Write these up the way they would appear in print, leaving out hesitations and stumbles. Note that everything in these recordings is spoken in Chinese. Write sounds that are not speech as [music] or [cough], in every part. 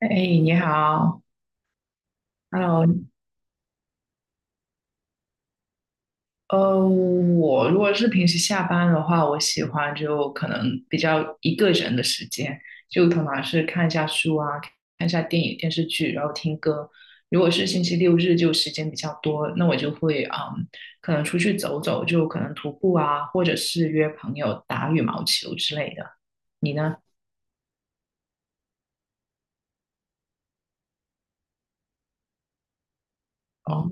哎，你好，Hello，我如果是平时下班的话，我喜欢就可能比较一个人的时间，就通常是看一下书啊，看一下电影、电视剧，然后听歌。如果是星期六日，就时间比较多，那我就会可能出去走走，就可能徒步啊，或者是约朋友打羽毛球之类的。你呢？哦，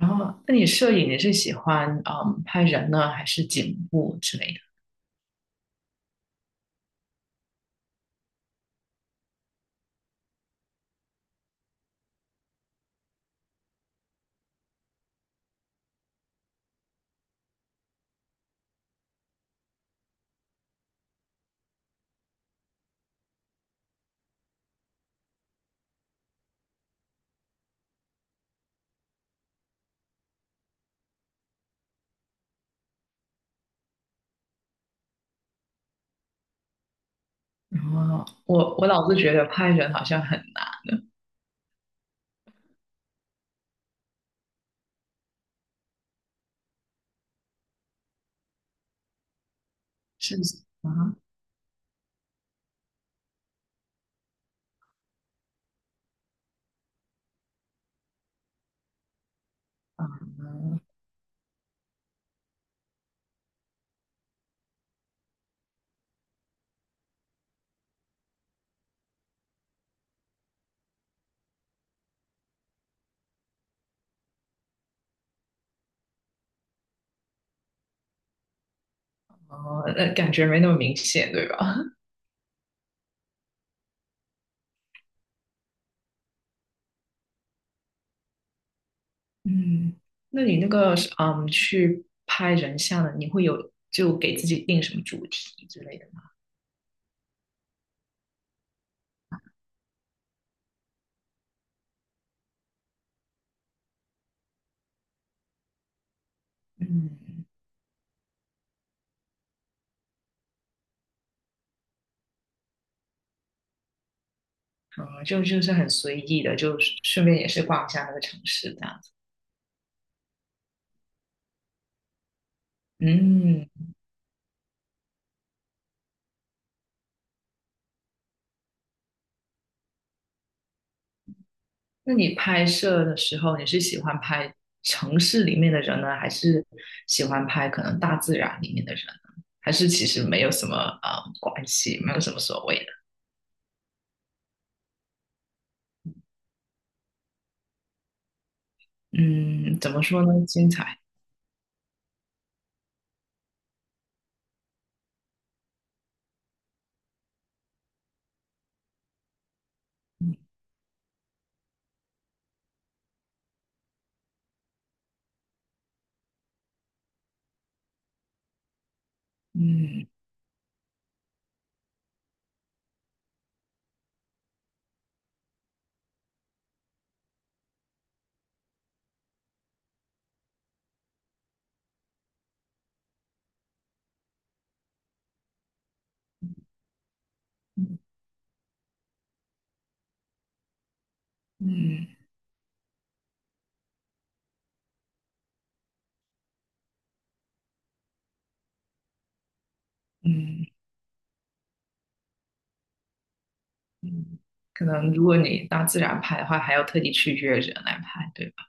然后，那你摄影你是喜欢拍人呢，还是景物之类的？哦，我老是觉得拍人好像很难，是不是啊？嗯哦，那感觉没那么明显，对吧？嗯，那你那个去拍人像的，你会有就给自己定什么主题之类的吗？嗯，啊、就是很随意的，就顺便也是逛一下那个城市这样子。嗯。那你拍摄的时候，你是喜欢拍城市里面的人呢，还是喜欢拍可能大自然里面的人呢？还是其实没有什么呃关系，没有什么所谓的？嗯，怎么说呢？精彩。嗯嗯嗯嗯，嗯。可能如果你大自然拍的话，还要特地去约人来拍，对吧？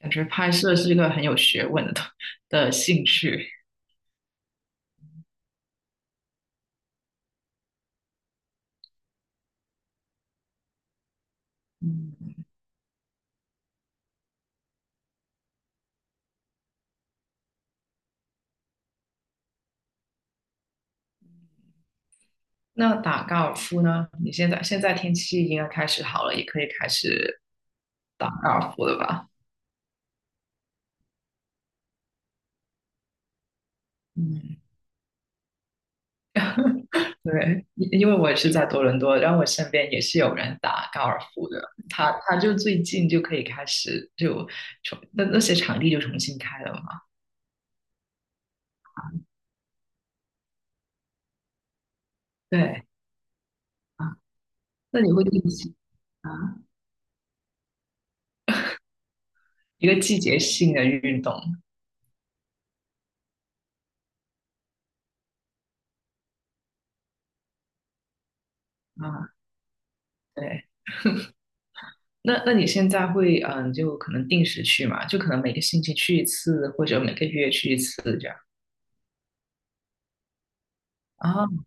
感觉拍摄是一个很有学问的东的兴趣。嗯，那打高尔夫呢？你现在天气应该开始好了，也可以开始打高尔夫的吧。嗯，对，因为我也是在多伦多，然后我身边也是有人打高尔夫的，他就最近就可以开始就重那些场地就重新开了嘛。对啊，那你会定期啊？一个季节性的运动啊，对。那你现在会就可能定时去嘛？就可能每个星期去一次，或者每个月去一次这样啊。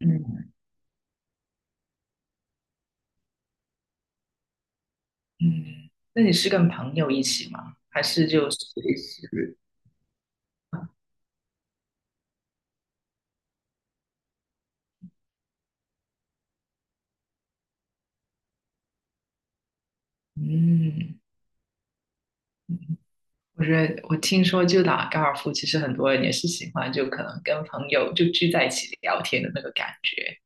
嗯嗯，那你是跟朋友一起吗？还是就随时？嗯，我觉得我听说就打高尔夫，其实很多人也是喜欢，就可能跟朋友就聚在一起聊天的那个感觉。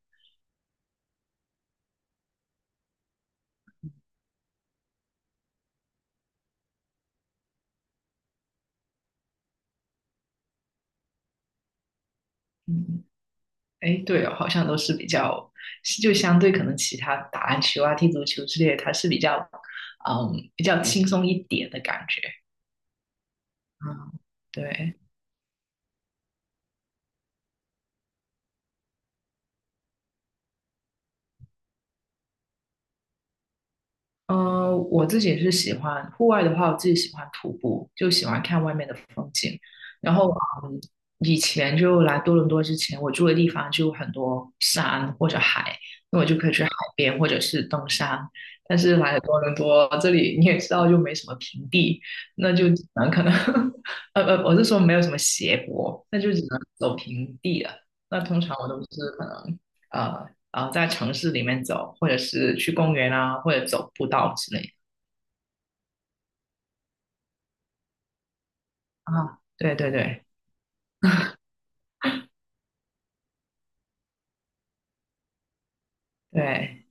嗯，哎，对哦，好像都是比较，就相对可能其他打篮球啊、踢足球之类的，它是比较，嗯，比较轻松一点的感觉。嗯，对。我自己是喜欢户外的话，我自己喜欢徒步，就喜欢看外面的风景。然后，嗯，以前就来多伦多之前，我住的地方就有很多山或者海，那我就可以去海边或者是登山。但是来了多伦多，这里你也知道，就没什么平地，那就只能可能，[laughs] 我是说没有什么斜坡，那就只能走平地了。那通常我都是可能。呃在城市里面走，或者是去公园啊，或者走步道之类的啊。对对对对，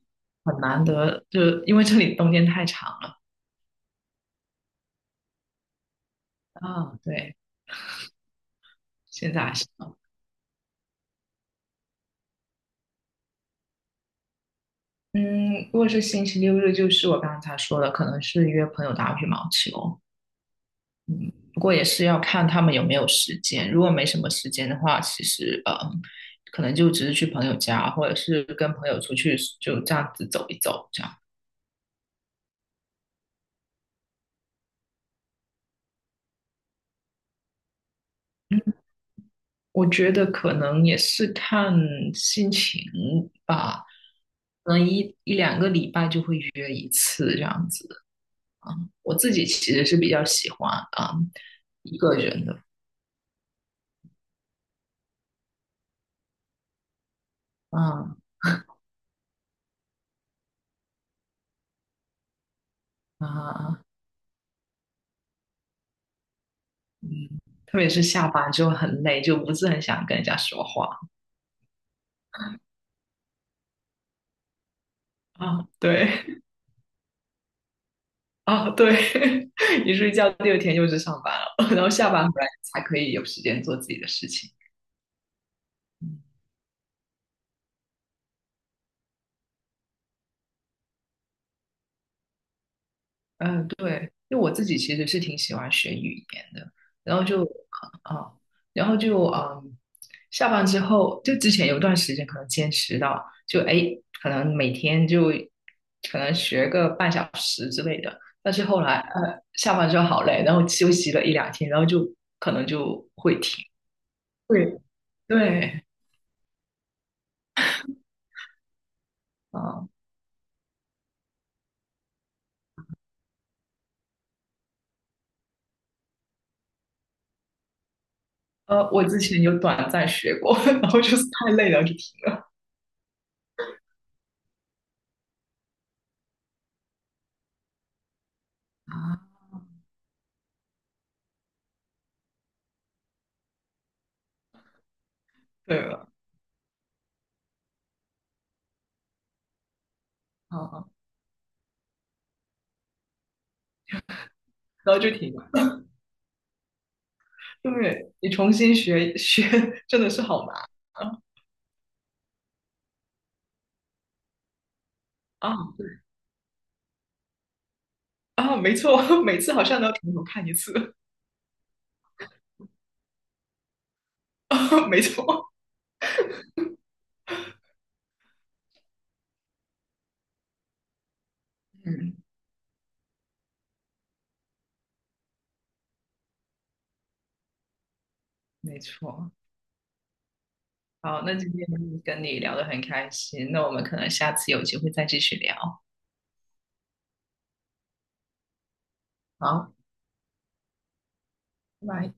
很难得，就因为这里冬天太长了啊。对，现在还是嗯，如果是星期六日，就是我刚才说的，可能是约朋友打羽毛球。不过也是要看他们有没有时间。如果没什么时间的话，其实可能就只是去朋友家，或者是跟朋友出去，就这样子走一走，这样。我觉得可能也是看心情吧，可能一两个礼拜就会约一次这样子。我自己其实是比较喜欢啊、一个人的，啊啊嗯，特别是下班之后很累，就不是很想跟人家说话啊。对 [laughs] 啊对，[laughs] 一睡觉第二天又是上班了，[laughs] 然后下班回来才可以有时间做自己的事情。嗯嗯，对，因为我自己其实是挺喜欢学语言的，然后就啊，然后就嗯，下班之后，就之前有段时间可能坚持到，就哎，诶可能每天就可能学个半小时之类的，但是后来下班之后好累，然后休息了一两天，然后就可能就会停。对对啊，我之前有短暂学过，[laughs] 然后就是太累了就停。啊，对了，啊，然后就停。了。对，你重新学 [laughs] 学真的是好难啊啊！啊！没错，[laughs] 每次好像都要从头看一次，[laughs] 没错。嗯，没错。好，那今天跟你聊得很开心，那我们可能下次有机会再继续聊。好，拜拜。